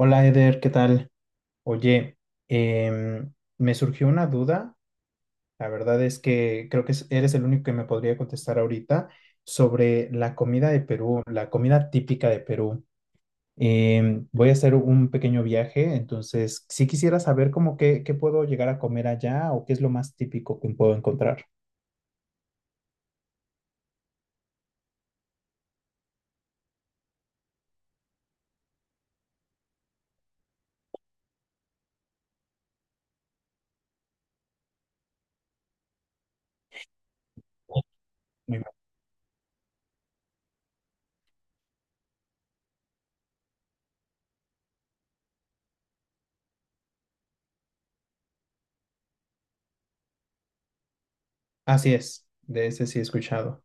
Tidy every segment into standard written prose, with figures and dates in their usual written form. Hola Eder, ¿qué tal? Oye, em, me surgió una duda, la verdad es que creo que eres el único que me podría contestar ahorita sobre la comida de Perú, la comida típica de Perú. Voy a hacer un pequeño viaje, entonces si quisiera saber cómo qué, qué puedo llegar a comer allá o qué es lo más típico que puedo encontrar. Muy bien. Así es, de ese sí he escuchado.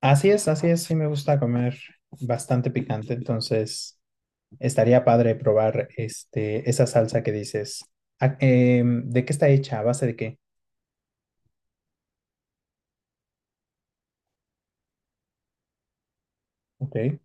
Así es, sí me gusta comer bastante picante, entonces... Estaría padre probar este, esa salsa que dices. Ah, ¿de qué está hecha? ¿A base de qué? Ok.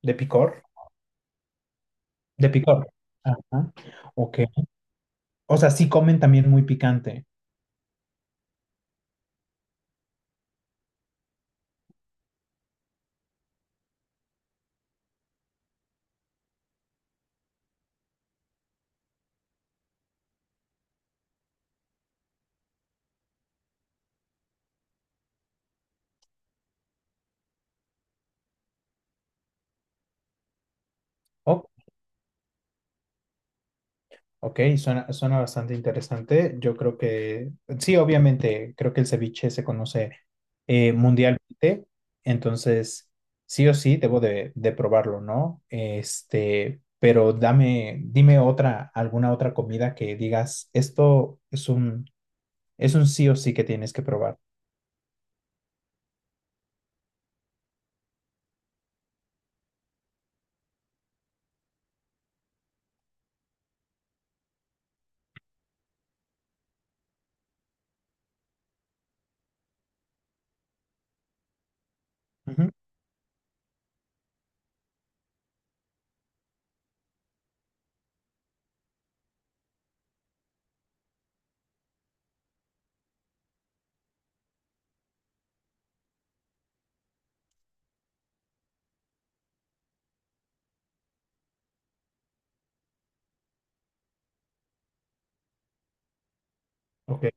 ¿De picor? De picor. Ajá. Ok. O sea, sí comen también muy picante. Ok, suena, suena bastante interesante. Yo creo que, sí, obviamente, creo que el ceviche se conoce mundialmente, entonces sí o sí debo de probarlo, ¿no? Este, pero dame, dime otra, alguna otra comida que digas, esto es un sí o sí que tienes que probar. Ujú, ok.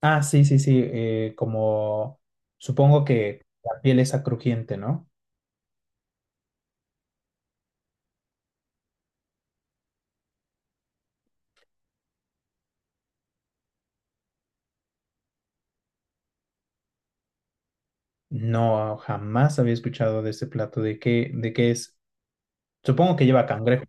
Ah, sí, sí, sí, como supongo que la piel es crujiente, ¿no? No, jamás había escuchado de este plato. De qué es? Supongo que lleva cangrejo.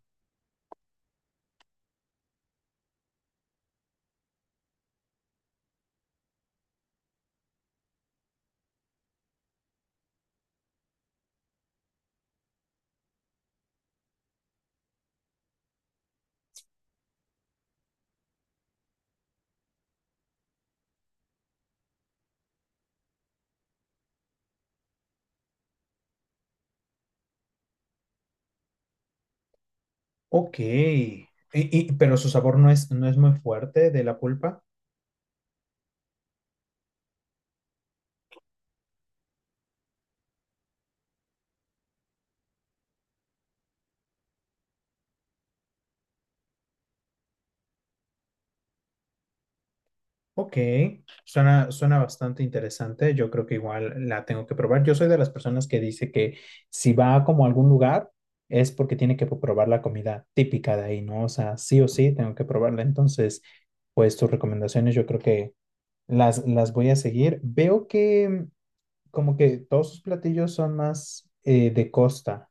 Ok. Y, pero su sabor no es, no es muy fuerte de la pulpa. Ok. Suena, suena bastante interesante. Yo creo que igual la tengo que probar. Yo soy de las personas que dice que si va como a algún lugar es porque tiene que probar la comida típica de ahí, ¿no? O sea, sí o sí tengo que probarla. Entonces, pues tus recomendaciones yo creo que las voy a seguir. Veo que mm, como que todos sus platillos son más de costa.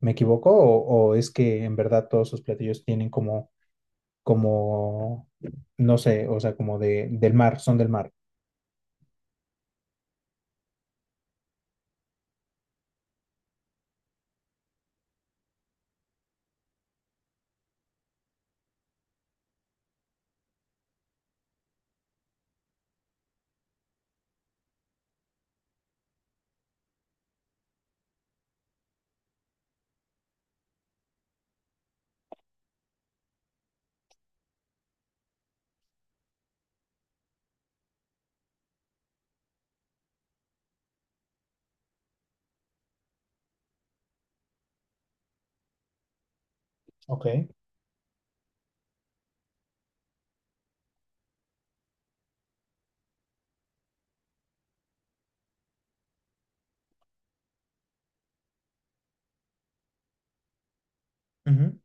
¿Me equivoco? O es que en verdad todos sus platillos tienen como, como, no sé, o sea, como de, del mar, son del mar? Ok, ujú,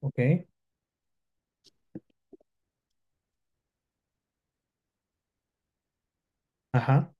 ok, ajá.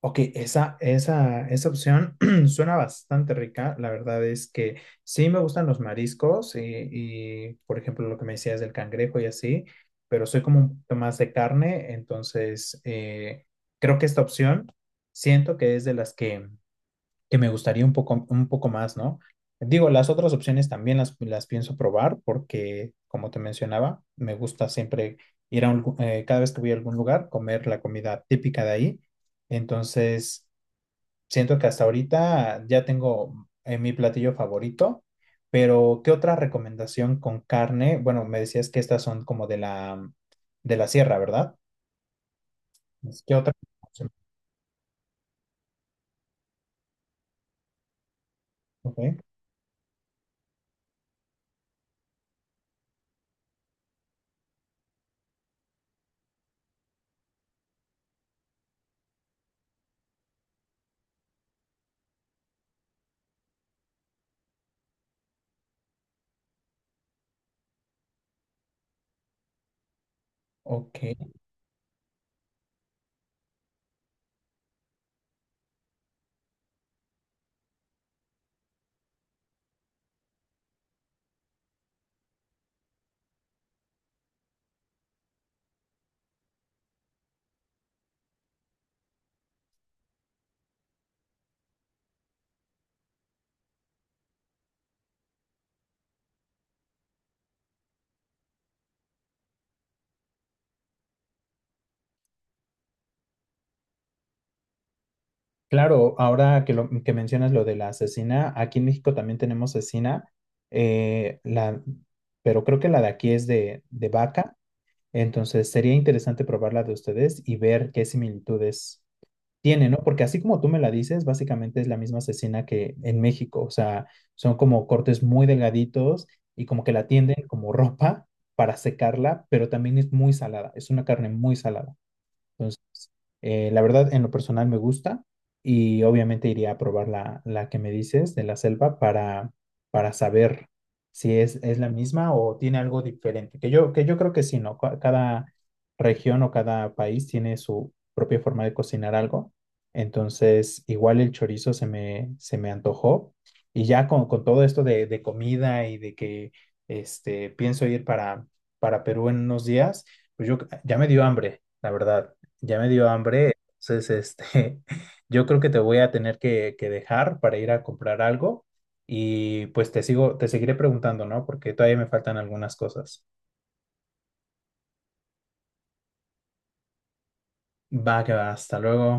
Ok, esa opción suena bastante rica. La verdad es que sí me gustan los mariscos y, por ejemplo, lo que me decías del cangrejo y así, pero soy como un poquito más de carne, entonces creo que esta opción siento que es de las que me gustaría un poco más, ¿no? Digo, las otras opciones también las pienso probar porque, como te mencionaba, me gusta siempre ir a un, cada vez que voy a algún lugar, comer la comida típica de ahí. Entonces, siento que hasta ahorita ya tengo mi platillo favorito, pero ¿qué otra recomendación con carne? Bueno, me decías que estas son como de de la sierra, ¿verdad? ¿Qué otra? Ok, ok. Claro, ahora que mencionas lo de la cecina, aquí en México también tenemos cecina, eh, la, pero creo que la de aquí es de vaca, entonces sería interesante probar la de ustedes y ver qué similitudes tiene, ¿no? Porque así como tú me la dices, básicamente es la misma cecina que en México, o sea, son como cortes muy delgaditos y como que la tienden como ropa para secarla, pero también es muy salada, es una carne muy salada. Entonces, la verdad, en lo personal me gusta y obviamente iría a probar la que me dices de la selva para saber si es, es la misma o tiene algo diferente. Que yo creo que sí, ¿no? Cada región o cada país tiene su propia forma de cocinar algo. Entonces, igual el chorizo se me antojó. Y ya con todo esto de comida y de que este, pienso ir para Perú en unos días, pues yo ya me dio hambre, la verdad. Ya me dio hambre, entonces este, yo creo que te voy a tener que dejar para ir a comprar algo y pues te sigo, te seguiré preguntando, ¿no? Porque todavía me faltan algunas cosas. Va que va, hasta luego.